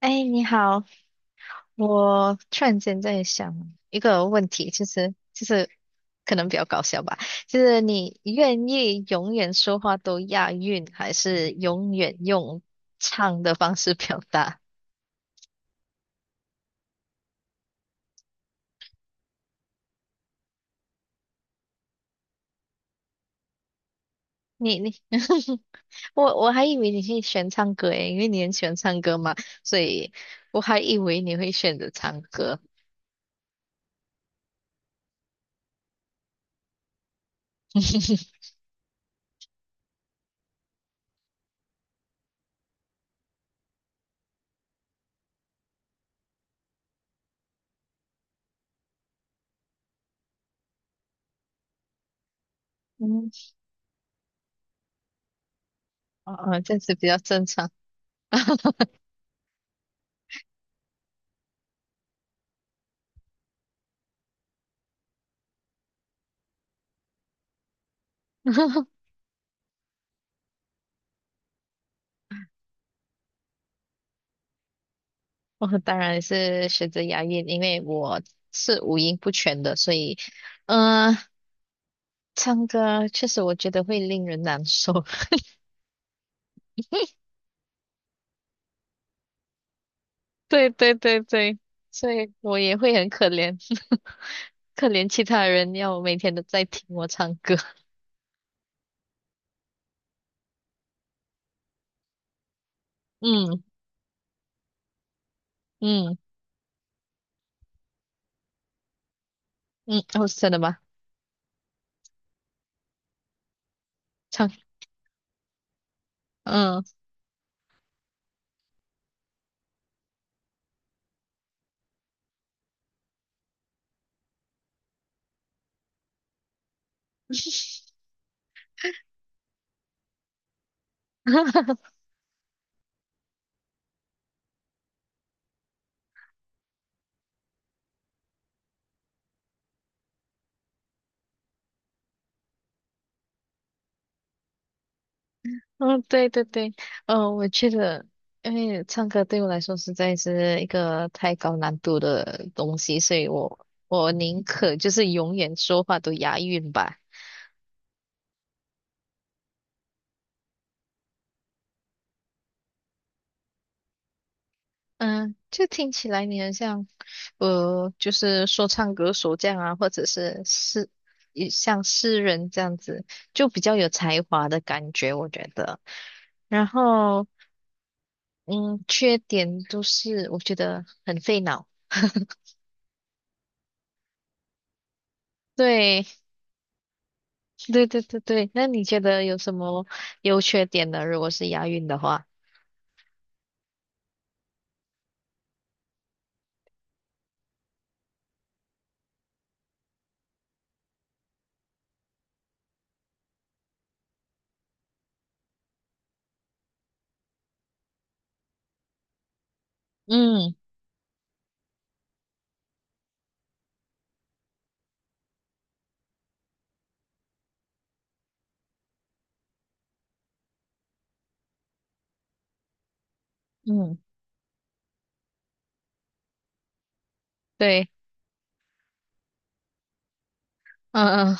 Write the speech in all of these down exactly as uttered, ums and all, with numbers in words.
哎，你好，我突然间在想一个问题，就是就是可能比较搞笑吧，就是你愿意永远说话都押韵，还是永远用唱的方式表达？你你，我我还以为你是喜欢唱歌诶，因为你很喜欢唱歌嘛，所以我还以为你会选择唱歌。嗯，哦哦，这样子比较正常。我当然是选择押韵，因为我是五音不全的，所以，嗯，唱歌确实我觉得会令人难受。对对对对，所以我也会很可怜，可怜其他人要每天都在听我唱歌。嗯嗯嗯，哦，真的吗？唱，嗯，哈哈。嗯，对对对，嗯，我觉得，因为唱歌对我来说实在是一个太高难度的东西，所以我我宁可就是永远说话都押韵吧。嗯，就听起来你很像，呃，就是说唱歌手这样啊，或者是诗，也像诗人这样子，就比较有才华的感觉，我觉得。然后，嗯，缺点就是我觉得很费脑。对，对对对对，那你觉得有什么优缺点呢？如果是押韵的话，嗯嗯，对，嗯嗯，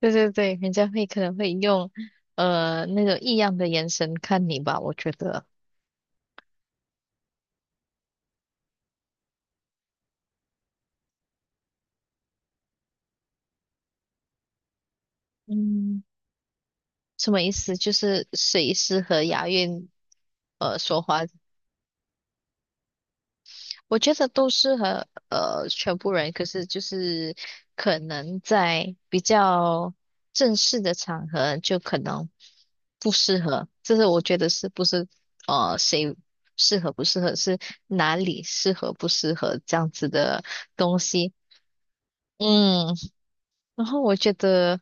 对对对，人家会可能会用呃那种异样的眼神看你吧，我觉得，嗯，什么意思？就是谁适合押韵呃说话我觉得都适合呃全部人，可是就是可能在比较正式的场合就可能不适合。这是我觉得是不是呃谁适合不适合，是哪里适合不适合这样子的东西。嗯，然后我觉得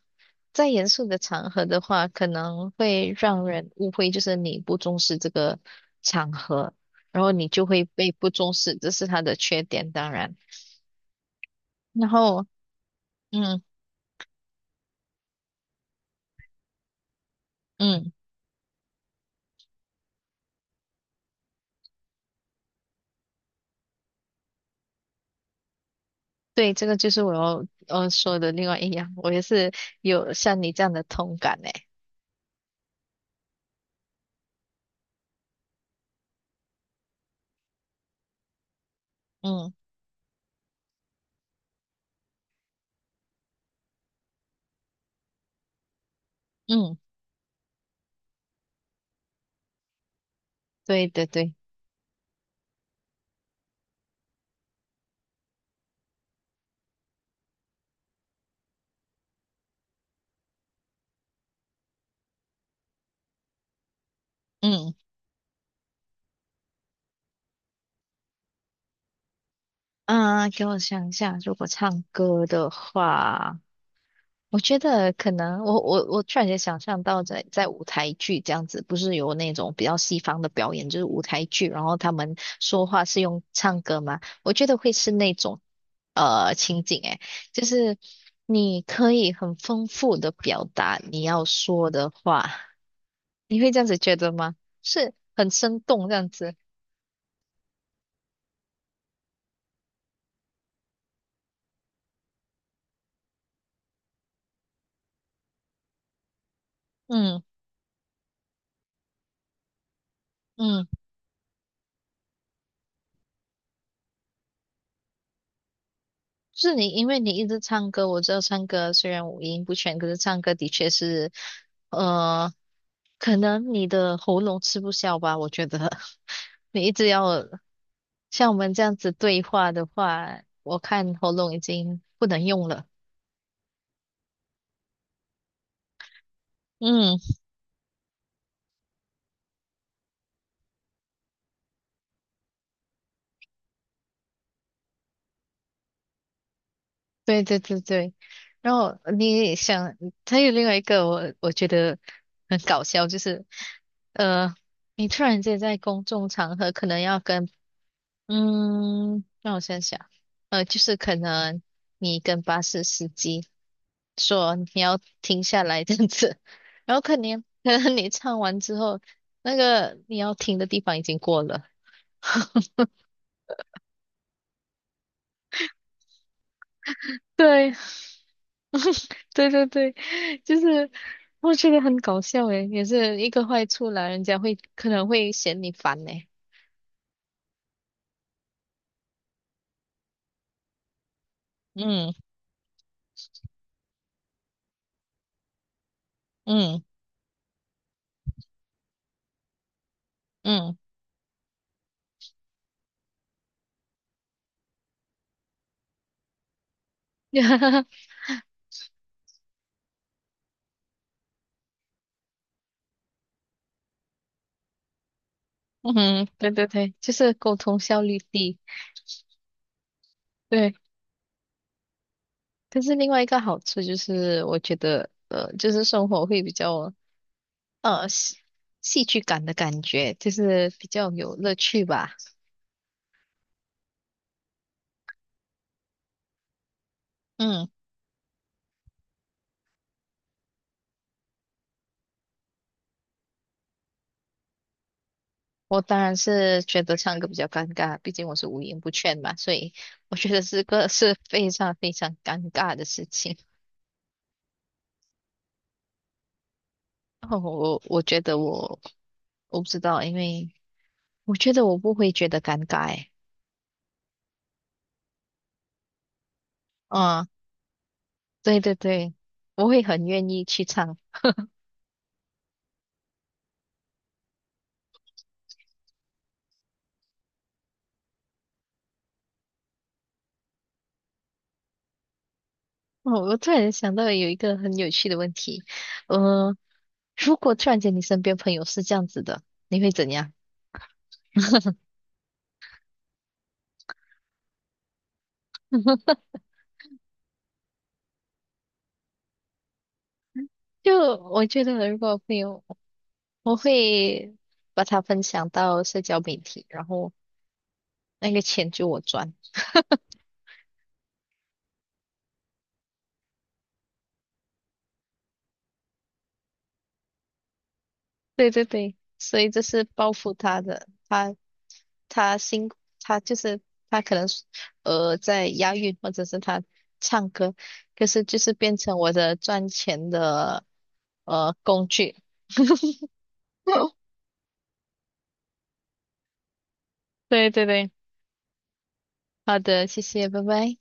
在严肃的场合的话，可能会让人误会，就是你不重视这个场合。然后你就会被不重视，这是它的缺点，当然。然后，嗯嗯，对，这个就是我要呃说的另外一样，我也是有像你这样的同感诶。嗯嗯，对对对，嗯啊，给我想一下，如果唱歌的话。我觉得可能，我我我突然间想象到在在舞台剧这样子，不是有那种比较西方的表演，就是舞台剧，然后他们说话是用唱歌嘛？我觉得会是那种呃情景，诶，就是你可以很丰富的表达你要说的话，你会这样子觉得吗？是很生动这样子，嗯嗯。是你，因为你一直唱歌，我知道唱歌虽然五音不全，可是唱歌的确是，呃，可能你的喉咙吃不消吧，我觉得 你一直要像我们这样子对话的话，我看喉咙已经不能用了。嗯，对对对对，然后你想，还有另外一个我我觉得很搞笑，就是，呃，你突然间在公众场合可能要跟嗯，让我想想，呃，就是可能你跟巴士司机说你要停下来这样子，然后可能可能你唱完之后，那个你要停的地方已经过了。对，对对对，就是我觉得很搞笑诶，也是一个坏处啦，人家会可能会嫌你烦呢。嗯嗯嗯嗯，嗯，对对对，就是沟通效率低。对。可是另外一个好处就是，我觉得呃，就是生活会比较呃戏戏剧感的感觉，就是比较有乐趣吧。嗯，我当然是觉得唱歌比较尴尬，毕竟我是五音不全嘛，所以我觉得这个是非常非常尴尬的事情。哦，我我觉得我我不知道，因为我觉得我不会觉得尴尬欸。嗯，对对对，我会很愿意去唱。哦，我突然想到有一个很有趣的问题，呃，如果突然间你身边朋友是这样子的，你会怎样？就我觉得，如果朋友，我会把它分享到社交媒体，然后那个钱就我赚。对对对，所以这是报复他的，他他辛苦他就是他可能是呃在押韵或者是他唱歌，可是就是变成我的赚钱的呃工具。对对对，好的，谢谢，拜拜。